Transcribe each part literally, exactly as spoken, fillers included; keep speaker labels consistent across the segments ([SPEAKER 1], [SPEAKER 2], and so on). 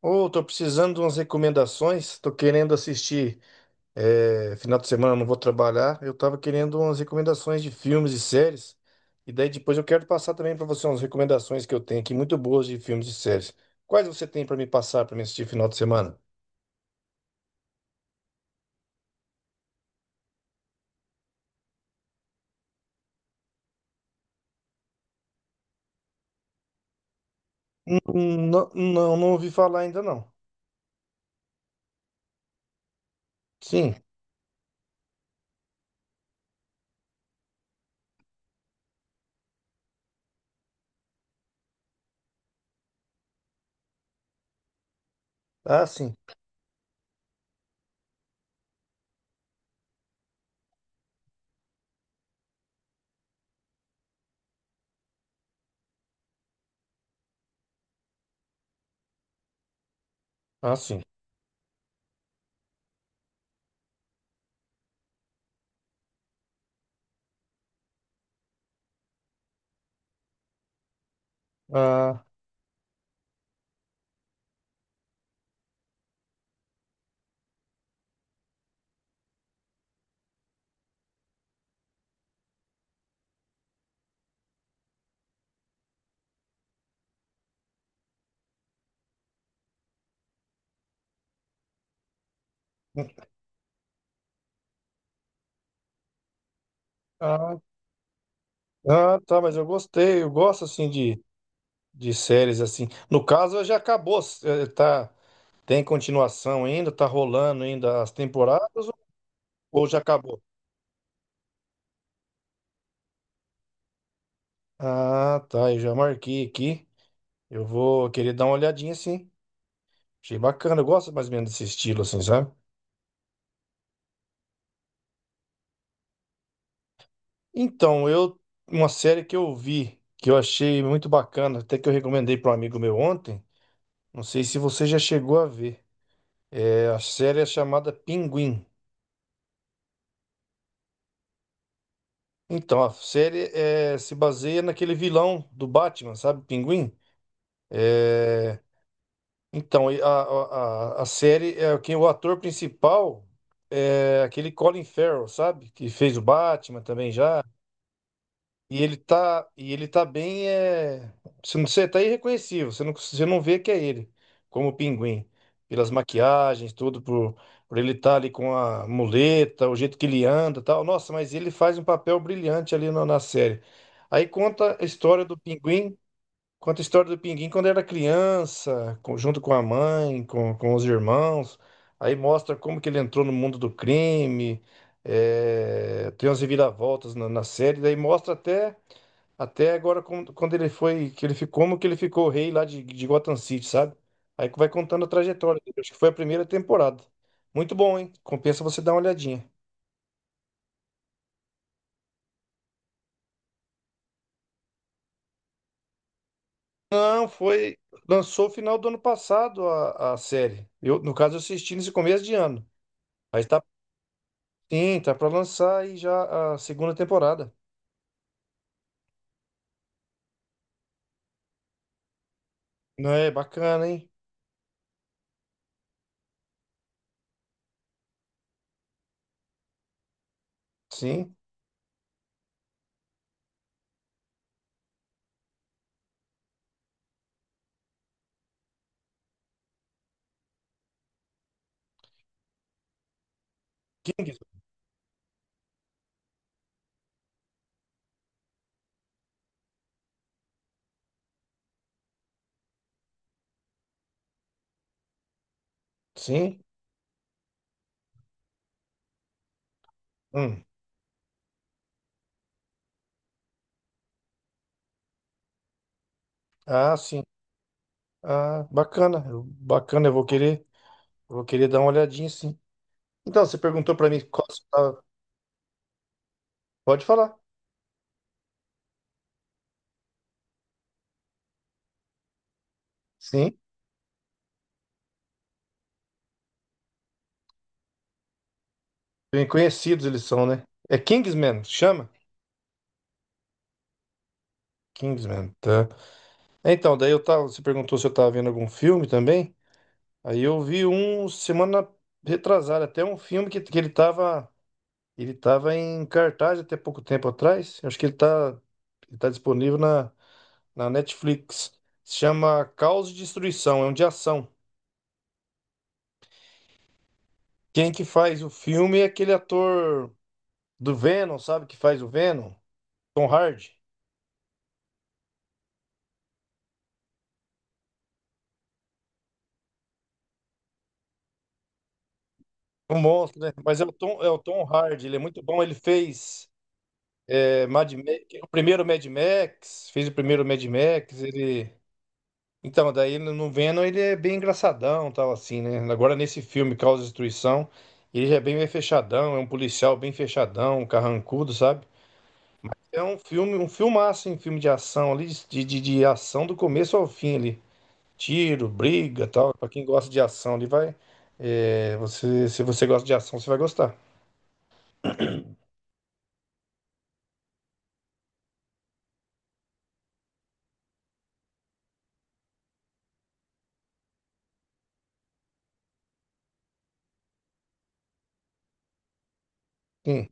[SPEAKER 1] Ô, tô precisando de umas recomendações. Tô querendo assistir. É, final de semana eu não vou trabalhar. Eu tava querendo umas recomendações de filmes e séries. E daí depois eu quero passar também pra você umas recomendações que eu tenho aqui, muito boas de filmes e séries. Quais você tem pra me passar pra me assistir final de semana? Hum, Não, não, não ouvi falar ainda não. Sim. Ah, sim. Ah, sim. Ah, ah, ah, tá, mas eu gostei. Eu gosto assim de, de séries assim. No caso, já acabou. eh, Tá. Tem continuação ainda? Tá rolando ainda as temporadas ou ou já acabou? Ah, tá. Eu já marquei aqui. Eu vou querer dar uma olhadinha, sim. Achei bacana. Eu gosto mais ou menos desse estilo, assim, sabe? Então, eu. Uma série que eu vi, que eu achei muito bacana, até que eu recomendei para um amigo meu ontem. Não sei se você já chegou a ver. É, a série é chamada Pinguim. Então, a série é, se baseia naquele vilão do Batman, sabe? Pinguim. É. Então, e a, a, a a série, é, quem o ator principal é aquele Colin Farrell, sabe? Que fez o Batman também já. E ele tá, e ele tá bem, é... Você não, você tá irreconhecível, você não, você não vê que é ele, como o Pinguim. Pelas maquiagens, tudo, por, por ele estar ali com a muleta, o jeito que ele anda e tal. Nossa, mas ele faz um papel brilhante ali na, na série. Aí conta a história do Pinguim. Conta a história do Pinguim quando era criança, com- junto com a mãe, com, com os irmãos. Aí mostra como que ele entrou no mundo do crime, é, tem umas reviravoltas na, na série. Daí mostra até, até agora como- quando ele foi, que ele ficou, como que ele ficou rei lá de, de Gotham City, sabe? Aí que vai contando a trajetória dele. Acho que foi a primeira temporada. Muito bom, hein? Compensa você dar uma olhadinha. Não, foi. Lançou o final do ano passado a, a série. Eu, no caso, eu assisti nesse começo de ano. Mas tá, sim, tá pra lançar aí já a segunda temporada. Não é bacana, hein? Sim. King. Sim. Hum. Ah, sim. Ah, bacana. Eu- Bacana, eu vou querer, eu vou querer dar uma olhadinha, sim. Então, você perguntou pra mim qual você tava- pode falar. Sim. Bem conhecidos eles são, né? É Kingsman, chama? Kingsman, tá. Então, daí eu tava, você perguntou se eu tava vendo algum filme também. Aí eu vi um semana retrasada, até um filme que, que ele tava. Ele estava em cartaz até pouco tempo atrás. Eu acho que ele está, ele tá disponível na, na Netflix. Se chama Caos e Destruição, é um de ação. Quem que faz o filme é aquele ator do Venom, sabe? Que faz o Venom? Tom Hardy. Um monstro, né? Mas é o Tom, é o Tom Hardy, ele é muito bom. Ele fez, é, Mad Max, o primeiro Mad Max, fez o primeiro Mad Max, ele. Então, daí no no Venom ele é bem engraçadão, tal assim, né? Agora nesse filme Causa e Destruição, ele já é bem fechadão, é um policial bem fechadão, um carrancudo, sabe? É um filme, um filmaço, em filme de ação ali, de, de, de ação do começo ao fim ali. Tiro, briga, tal. Pra quem gosta de ação, ele vai. É, você, se você gosta de ação, você vai gostar. Sim.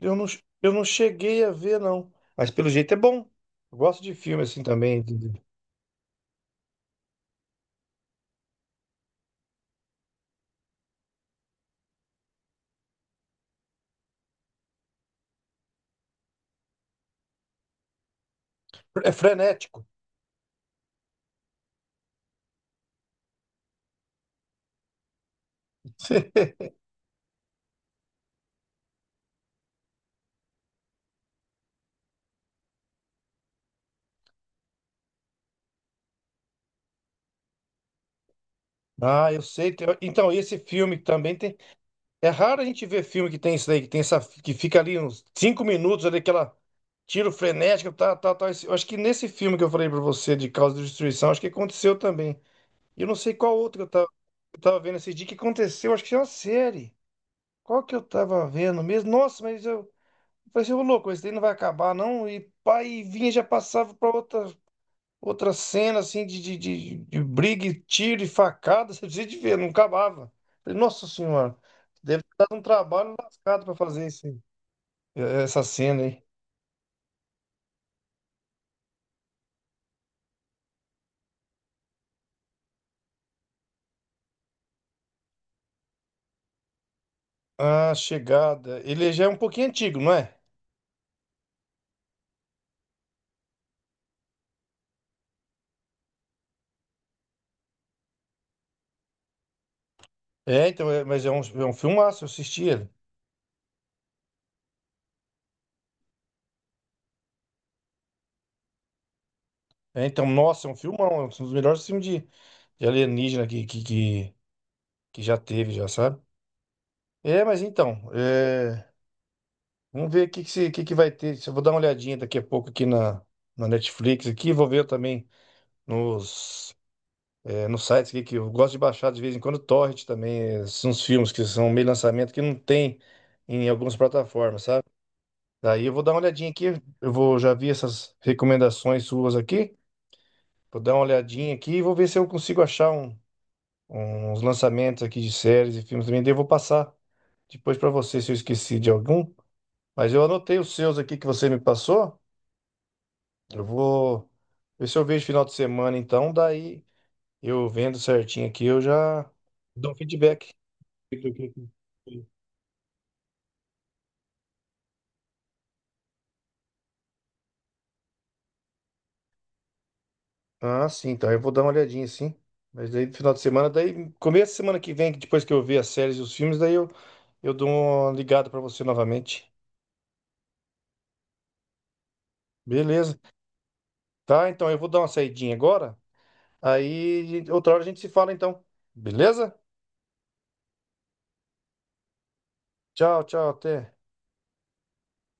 [SPEAKER 1] Eu não, eu não cheguei a ver, não. Mas pelo jeito é bom. Eu gosto de filme assim também. de- de- É frenético. Ah, eu sei. tem- Então, esse filme também tem. É raro a gente ver filme que tem isso daí, que tem essa. Que fica ali uns cinco minutos ali, aquela tiro frenético, tá, tá, tá. Esse- Eu acho que nesse filme que eu falei pra você, de Causa de Destruição, acho que aconteceu também. E eu não sei qual outro que eu tava, eu tava vendo esse dia que aconteceu, acho que é uma série. Qual que eu tava vendo mesmo? Nossa, mas eu. Eu falei assim, ô louco, esse daí não vai acabar, não. E pai, vinha e já passava pra outra. Outra cena assim de, de, de, de briga, e tiro e facada, você precisa de ver, não acabava. Falei, nossa senhora, deve ter dado um trabalho lascado para fazer esse, essa cena aí. A Chegada, ele já é um pouquinho antigo, não é? É, então, é- mas é um, é um filmaço, eu assisti ele. É, então, nossa, é um filmão, é um dos melhores filmes de, de alienígena que, que, que, que já teve, já sabe? É, mas então, é, vamos ver o que, que, se- que, que vai ter. Eu vou dar uma olhadinha daqui a pouco aqui na, na Netflix aqui, vou ver também. Nos, eh, nos sites que, que eu gosto de baixar de vez em quando, torrent também, eh, são uns filmes que são meio lançamento que não tem em algumas plataformas, sabe? Daí eu vou dar uma olhadinha aqui, eu vou, já vi essas recomendações suas aqui, vou dar uma olhadinha aqui e vou ver se eu consigo achar um- uns lançamentos aqui de séries e filmes também, daí eu vou passar depois para você se eu esqueci de algum, mas eu anotei os seus aqui que você me passou, eu vou ver se eu vejo final de semana então, daí... Eu vendo certinho aqui, eu já dou um feedback. Ah, sim, então eu vou dar uma olhadinha, sim. Mas daí no final de semana, daí começo da semana que vem, que depois que eu ver as séries e os filmes, daí eu, eu dou uma ligada pra você novamente. Beleza. Tá, então eu vou dar uma saidinha agora. Aí outra hora a gente se fala então. Beleza? Tchau, tchau, até.